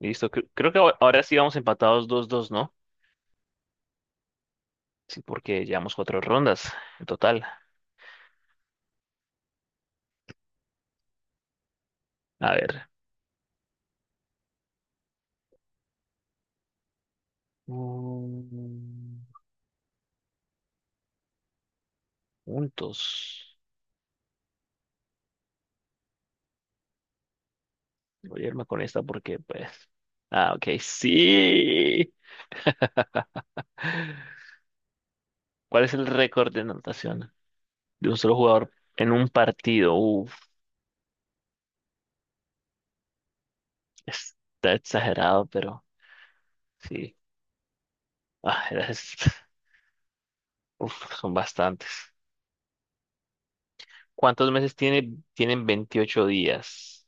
Listo, creo que ahora ahora sí vamos empatados 2-2, ¿no? Sí, porque llevamos cuatro rondas en total. A ver. Mm. Juntos. Voy a irme con esta porque, pues. Ah, ok, sí. ¿Cuál es el récord de anotación de un solo jugador en un partido? Uf, está exagerado, pero sí. Ah, uf, son bastantes. ¿Cuántos meses tiene? Tienen 28 días.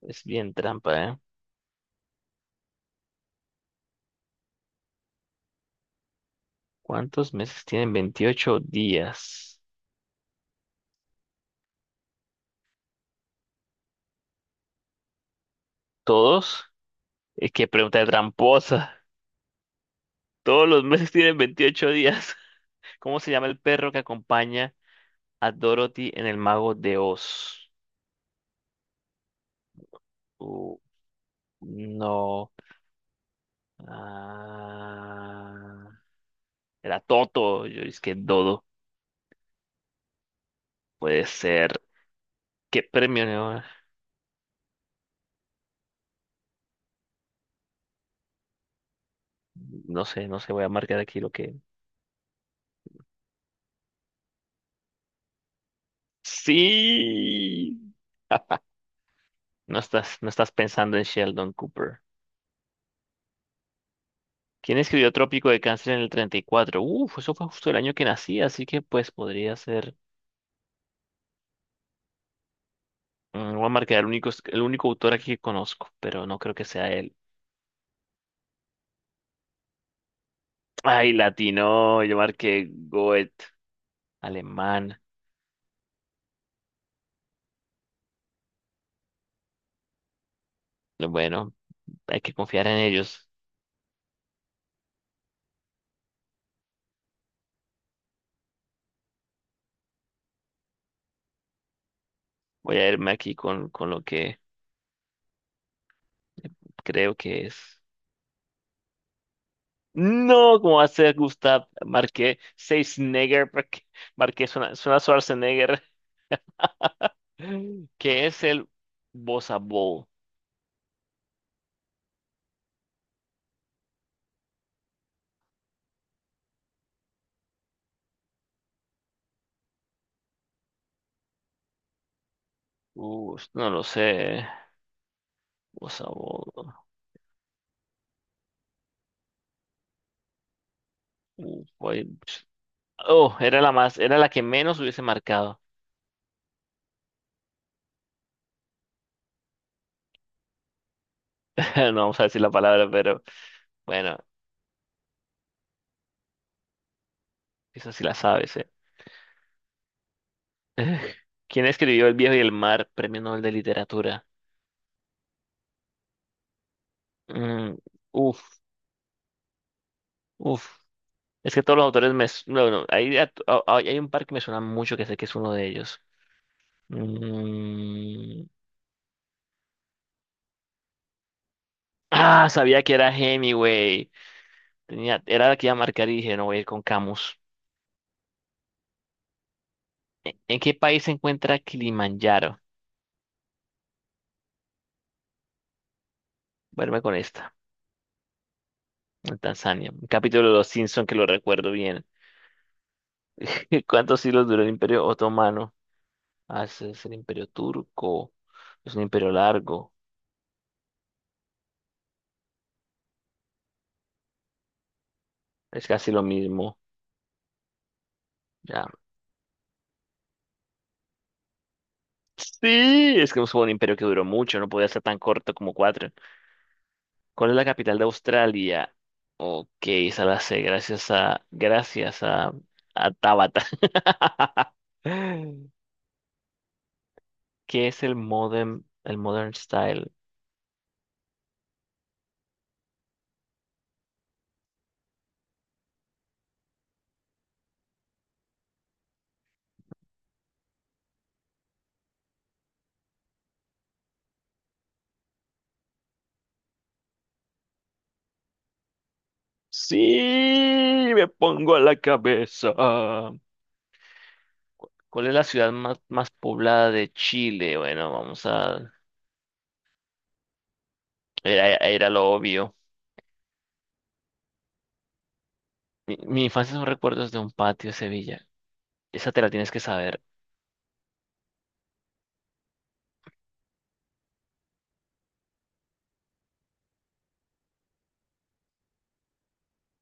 Es bien trampa, eh. ¿Cuántos meses tienen 28 días? ¿Todos? Es que pregunta de tramposa. Todos los meses tienen 28 días. ¿Cómo se llama el perro que acompaña a Dorothy en El Mago de Oz? Uh, no. Ah, era Toto. Yo es que Dodo. Puede ser. ¿Qué premio? No, no sé, no sé. Voy a marcar aquí lo que. Sí. No estás pensando en Sheldon Cooper. ¿Quién escribió Trópico de Cáncer en el 34? Uf, eso fue justo el año que nací, así que pues podría ser. Voy a marcar el único autor aquí que conozco, pero no creo que sea él. Ay, latino, yo marqué Goethe, alemán. Bueno, hay que confiar en ellos. Voy a irme aquí con lo que creo que es. No, ¿cómo va a ser, Gustav? Marqué Schwarzenegger, marqué, marqué suena Schwarzenegger, que es el Bossa Ball. No lo sé. Bossa Nova. Guay. Oh, era era la que menos hubiese marcado. No vamos a decir la palabra, pero bueno, eso sí la sabes, ¿eh? ¿Quién escribió El viejo y el mar, Premio Nobel de Literatura? Mm, uf, uf. Es que todos los autores me, no, no, hay un par que me suena mucho que sé que es uno de ellos. Mm, Sabía que era Hemingway. Era la que iba a marcar y dije, no voy a ir con Camus. ¿En qué país se encuentra Kilimanjaro? Vuelve con esta. En Tanzania. Un capítulo de Los Simpson que lo recuerdo bien. ¿Cuántos siglos duró el Imperio Otomano? Ah, ese es el Imperio Turco. Es un imperio largo. Es casi lo mismo. Ya. Sí, es que fue un imperio que duró mucho. No podía ser tan corto como cuatro. ¿Cuál es la capital de Australia? Ok, esa la sé. Gracias a. Gracias a. A Tabata. ¿Qué es el modem, el modern style? Sí, me pongo a la cabeza. ¿Cuál es la ciudad más poblada de Chile? Bueno, vamos a ir a lo obvio. Mi infancia son recuerdos de un patio de Sevilla. Esa te la tienes que saber.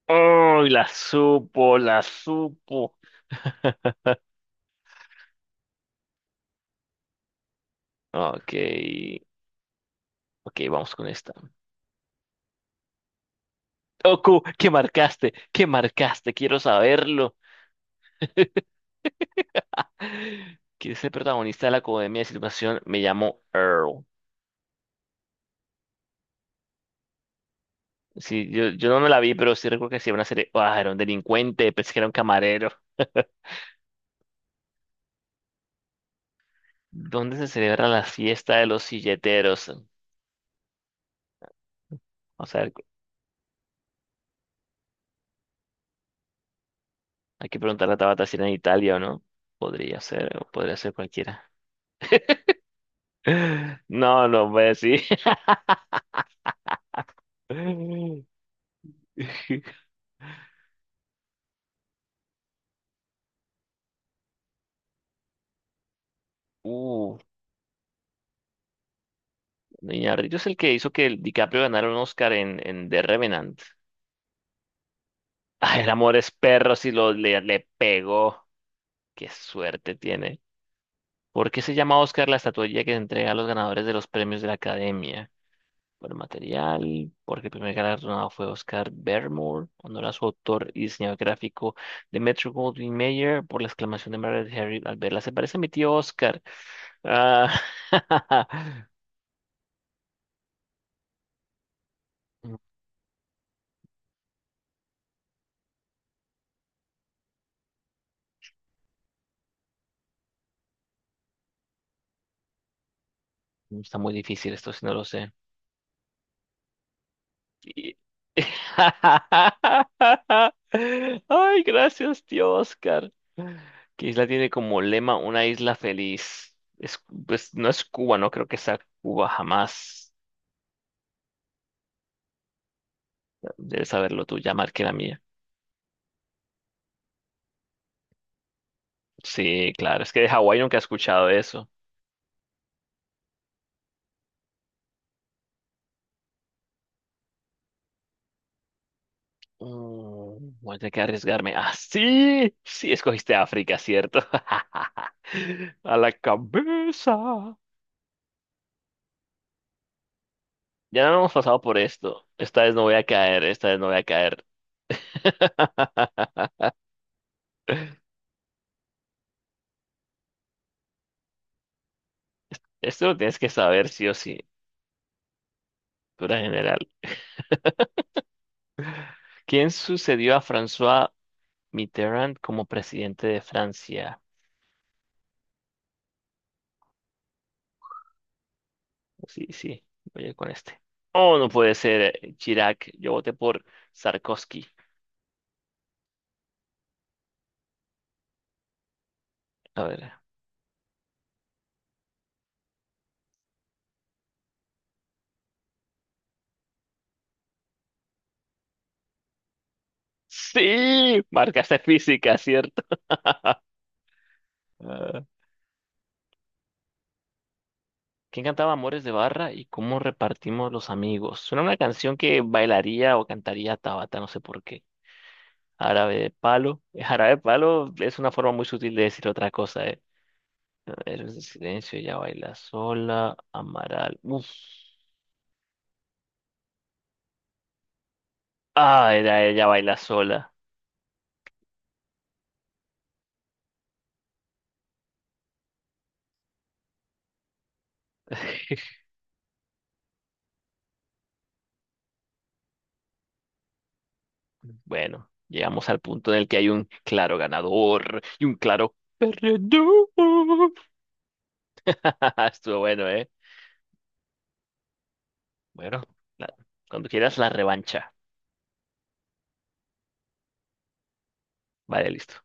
¡Uy, la supo, la supo! Ok, ok, vamos con esta. Oku, ¿qué marcaste? ¿Qué marcaste? Quiero saberlo. ¿Quién es el protagonista de la comedia de situación? Me llamo Earl. Sí, yo no me la vi, pero sí recuerdo que sí era una serie. Ah, era un delincuente, pensé que era un camarero. ¿Dónde se celebra la fiesta de los silleteros? O sea, hay que preguntarle a Tabata si era en Italia o no. Podría ser, o podría ser cualquiera. No, no voy a decir. Uh, Iñárritu es el que hizo que el DiCaprio ganara un Oscar en The Revenant. Ah, el amor es perro si lo le pegó. Qué suerte tiene. ¿Por qué se llama Oscar la estatuilla que se entrega a los ganadores de los premios de la Academia? Por el material, porque el primer galardonado fue Oscar Bermore, honor a su autor y diseñador gráfico de Metro Goldwyn Mayer, por la exclamación de Margaret Harry al verla. Se parece a mi tío Oscar. Ah, está muy difícil esto, si no lo sé. Y- Ay, gracias, tío Oscar. ¿Qué isla tiene como lema una isla feliz? Es, pues, no es Cuba, no creo que sea Cuba jamás. Debes saberlo tú, ya marqué la mía. Sí, claro, es que de Hawái nunca he escuchado eso. Voy a tener que arriesgarme. Ah, sí, sí, escogiste África, ¿cierto? A la cabeza. Ya no hemos pasado por esto. Esta vez no voy a caer, esta vez no voy a caer. Esto lo tienes que saber sí o sí, cultura general. ¿Quién sucedió a François Mitterrand como presidente de Francia? Sí, sí, voy a ir con este. Oh, no puede ser, Chirac. Yo voté por Sarkozy. A ver. Sí, marcaste física, ¿cierto? Ah. ¿Quién cantaba Amores de Barra y cómo repartimos los amigos? Suena una canción que bailaría o cantaría Tabata, no sé por qué. Árabe de palo. Jarabe de palo es una forma muy sutil de decir otra cosa, ¿eh? Héroes de Silencio, ella baila sola. Amaral. Uf. Ah, era ella baila sola. Bueno, llegamos al punto en el que hay un claro ganador y un claro perdedor. Estuvo bueno, ¿eh? Bueno, la- cuando quieras la revancha. Vale, listo.